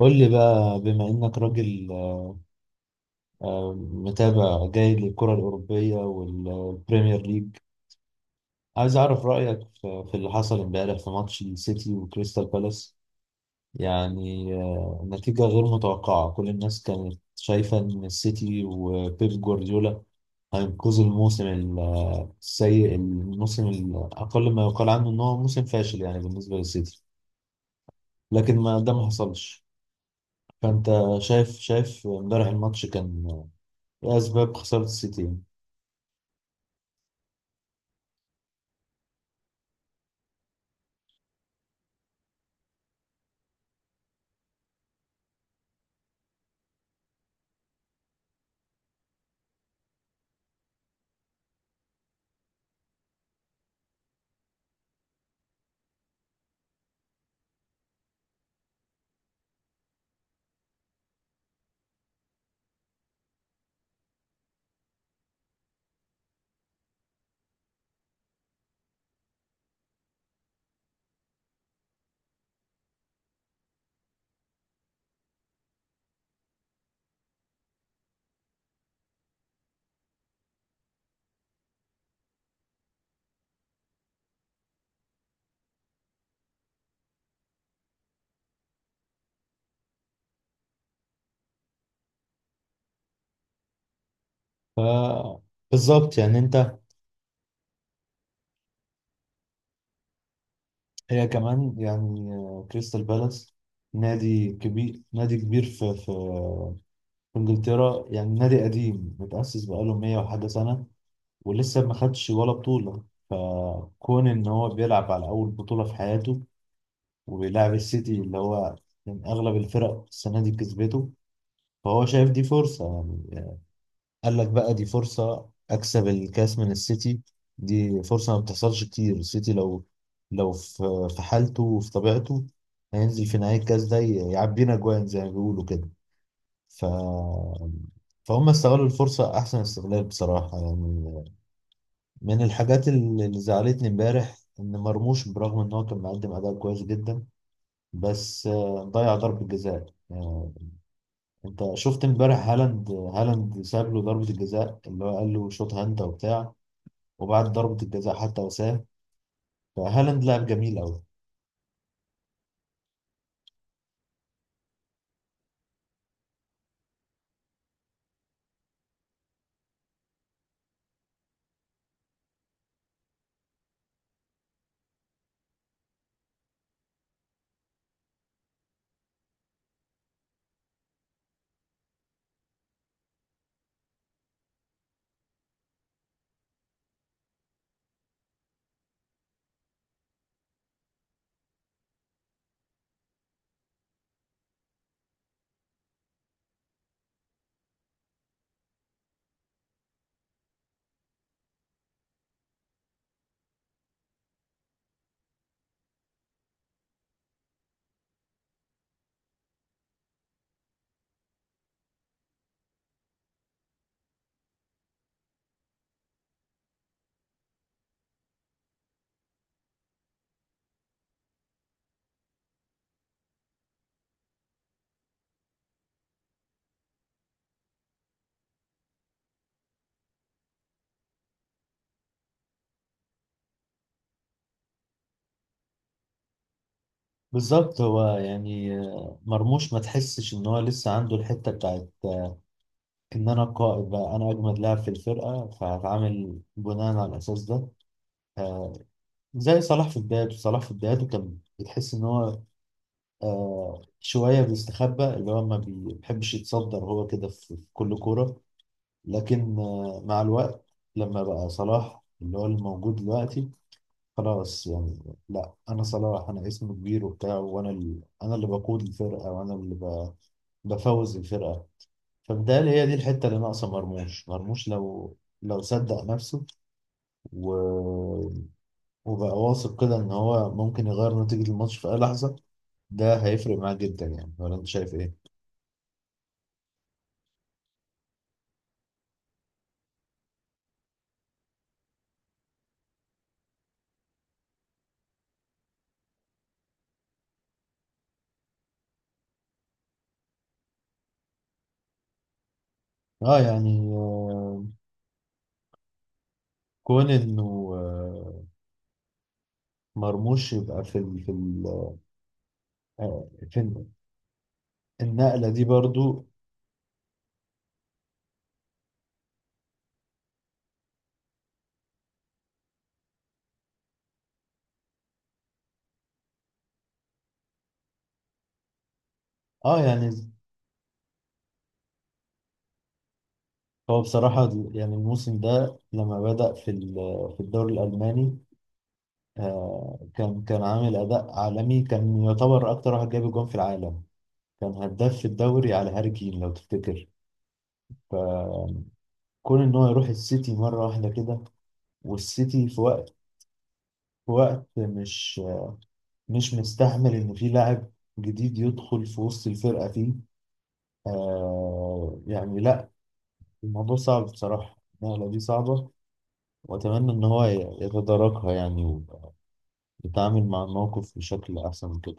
قول لي بقى بما إنك راجل، متابع جيد للكرة الأوروبية والبريمير ليج. عايز أعرف رأيك في اللي حصل امبارح في ماتش السيتي وكريستال بالاس. يعني نتيجة غير متوقعة، كل الناس كانت شايفة إن السيتي وبيب جوارديولا هينقذوا الموسم السيء، الموسم الأقل ما يقال عنه إن هو موسم فاشل يعني بالنسبة للسيتي، لكن ما ده ما حصلش. فأنت شايف امبارح الماتش كان لأسباب خسارة السيتي. ف بالظبط يعني أنت. هي كمان يعني كريستال بالاس نادي كبير، نادي كبير في في إنجلترا، يعني نادي قديم متأسس بقاله 100 وحاجة سنة، ولسه ما خدش ولا بطولة. فكون إن هو بيلعب على أول بطولة في حياته، وبيلعب السيتي اللي هو من أغلب الفرق السنة دي كسبته، فهو شايف دي فرصة يعني. قال لك بقى دي فرصة أكسب الكاس من السيتي، دي فرصة ما بتحصلش كتير. السيتي لو في حالته وفي طبيعته هينزل في نهاية الكاس ده يعبينا جوان زي ما بيقولوا كده. ف فهم استغلوا الفرصة أحسن استغلال بصراحة يعني. من الحاجات اللي زعلتني امبارح إن مرموش برغم إن هو كان مقدم أداء كويس جدا، بس ضيع ضربة جزاء. أنت شفت امبارح هالاند ساب له ضربة الجزاء اللي هو قال له شوطها أنت وبتاع، وبعد ضربة الجزاء حتى وسام. فهالاند لعب جميل قوي. بالظبط. هو يعني مرموش ما تحسش ان هو لسه عنده الحتة بتاعت ان انا القائد بقى، انا اجمد لاعب في الفرقة فهتعامل بناء على الاساس ده. آه، زي صلاح في بدايته. صلاح في بدايته كان بتحس ان هو آه، شوية بيستخبى، اللي هو ما بيحبش يتصدر هو كده في كل كورة. لكن مع الوقت لما بقى صلاح اللي هو الموجود دلوقتي، خلاص يعني لا انا صلاح، انا اسمي كبير وبتاع، وانا ال... انا اللي بقود الفرقه، وانا اللي ب... بفوز الفرقه. فبالتالي هي دي الحته اللي ناقصه مرموش. مرموش لو صدق نفسه و... وبقى واثق كده ان هو ممكن يغير نتيجه الماتش في اي لحظه، ده هيفرق معاه جدا يعني. ولا انت شايف ايه؟ اه يعني كون انه مرموش يبقى في ال... في ال... آه، في النقله دي برضو. اه يعني هو بصراحة يعني الموسم ده لما بدأ في الدوري الألماني، كان عامل أداء عالمي، كان يعتبر أكتر واحد جاب جون في العالم، كان هداف في الدوري على هاري كين لو تفتكر. فكون إن هو يروح السيتي مرة واحدة كده، والسيتي في وقت، في وقت مش مش مستحمل إن في لاعب جديد يدخل في وسط الفرقة فيه. يعني لأ، الموضوع صعب بصراحة، النقلة دي صعبة، وأتمنى إن هو يتداركها يعني، تتعامل مع الموقف بشكل أحسن من كده.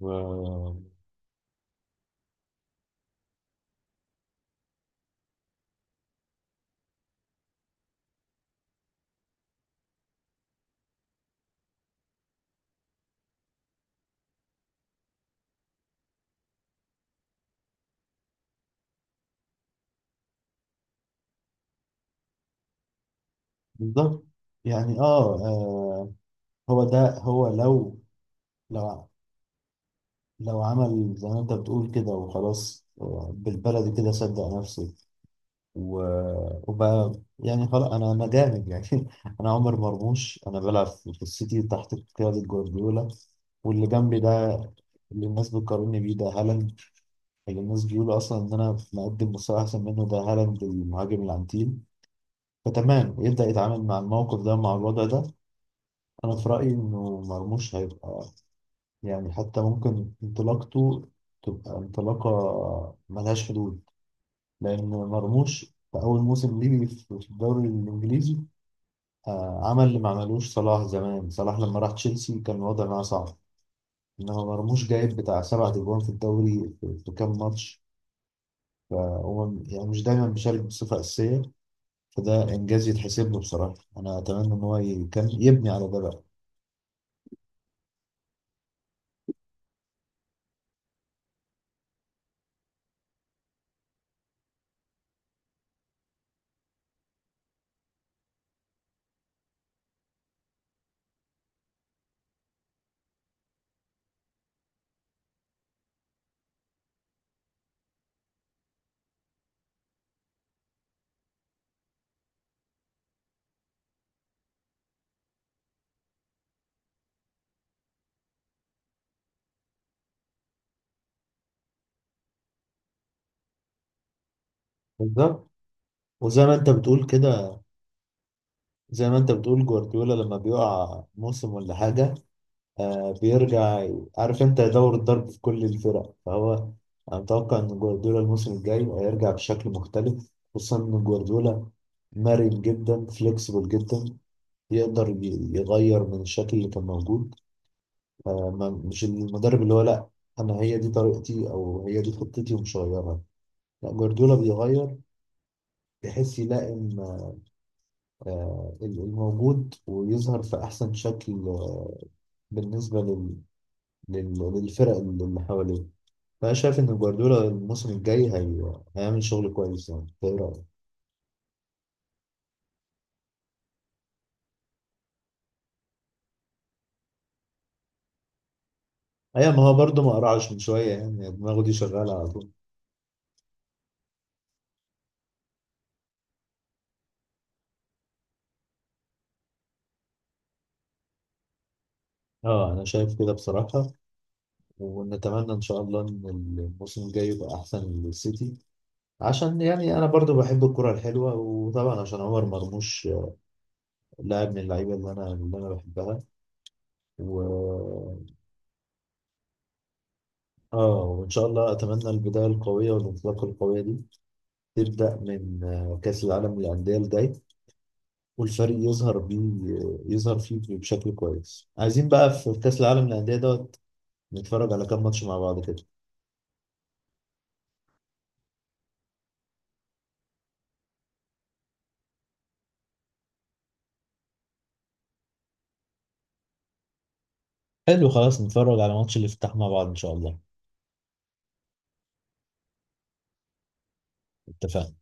و- بالظبط يعني هو ده، هو لو لو عمل زي ما أنت بتقول كده وخلاص، بالبلدي كده صدق نفسه وبقى يعني خلاص، أنا جامد يعني أنا عمر مرموش، أنا بلعب في السيتي تحت قيادة جوارديولا. واللي جنبي ده، اللي الناس بتقارني بيه ده، هالاند. اللي الناس بيقولوا أصلا إن أنا مقدم مستوى أحسن منه ده هالاند، المهاجم العنتيل. فتمام، يبدأ يتعامل مع الموقف ده، مع الوضع ده. أنا في رأيي إنه مرموش هيبقى يعني، حتى ممكن انطلاقته تبقى انطلاقة ملهاش حدود. لأن مرموش في أول موسم ليه في الدوري الإنجليزي عمل اللي ما عملوش صلاح. زمان صلاح لما راح تشيلسي كان الوضع معاه صعب، إنما مرموش جايب بتاع سبع أجوان في الدوري في كام ماتش، فهو يعني مش دايما بيشارك بصفة أساسية. فده إنجاز يتحسب له بصراحة. أنا أتمنى إن هو يبني على ده بقى. بالظبط. وزي ما انت بتقول كده، زي ما انت بتقول جوارديولا لما بيقع موسم ولا حاجة، آه بيرجع. عارف انت، يدور الضرب في كل الفرق. فهو انا متوقع ان جوارديولا الموسم الجاي هيرجع بشكل مختلف، خصوصا ان جوارديولا مرن جدا، فليكسبل جدا، يقدر يغير من الشكل اللي كان موجود. مش المدرب اللي هو لا انا هي دي طريقتي او هي دي خطتي ومش هغيرها. لا جوارديولا بيغير بحيث يلائم الموجود، ويظهر في أحسن شكل بالنسبة للفرق اللي حواليه. فأنا شايف إن جوارديولا الموسم الجاي هيعمل شغل كويس يعني. إنت إيه رأيك؟ أيوة، ما هو برضه ما قرعش من شوية يعني، يعني دماغه دي شغالة على طول. أه أنا شايف كده بصراحة. ونتمنى إن شاء الله إن الموسم الجاي يبقى أحسن للسيتي، عشان يعني أنا برضه بحب الكرة الحلوة، وطبعا عشان عمر مرموش لاعب من اللعيبة اللي أنا بحبها. و... اه وان شاء الله اتمنى البدايه القويه والانطلاقه القويه دي تبدا من كاس العالم للانديه الجاي، والفريق يظهر بيه يظهر فيه بشكل كويس. عايزين بقى في كاس العالم للانديه دوت نتفرج على كام ماتش مع بعض كده. حلو خلاص نتفرج على ماتش الافتتاح مع بعض ان شاء الله. اتفقنا.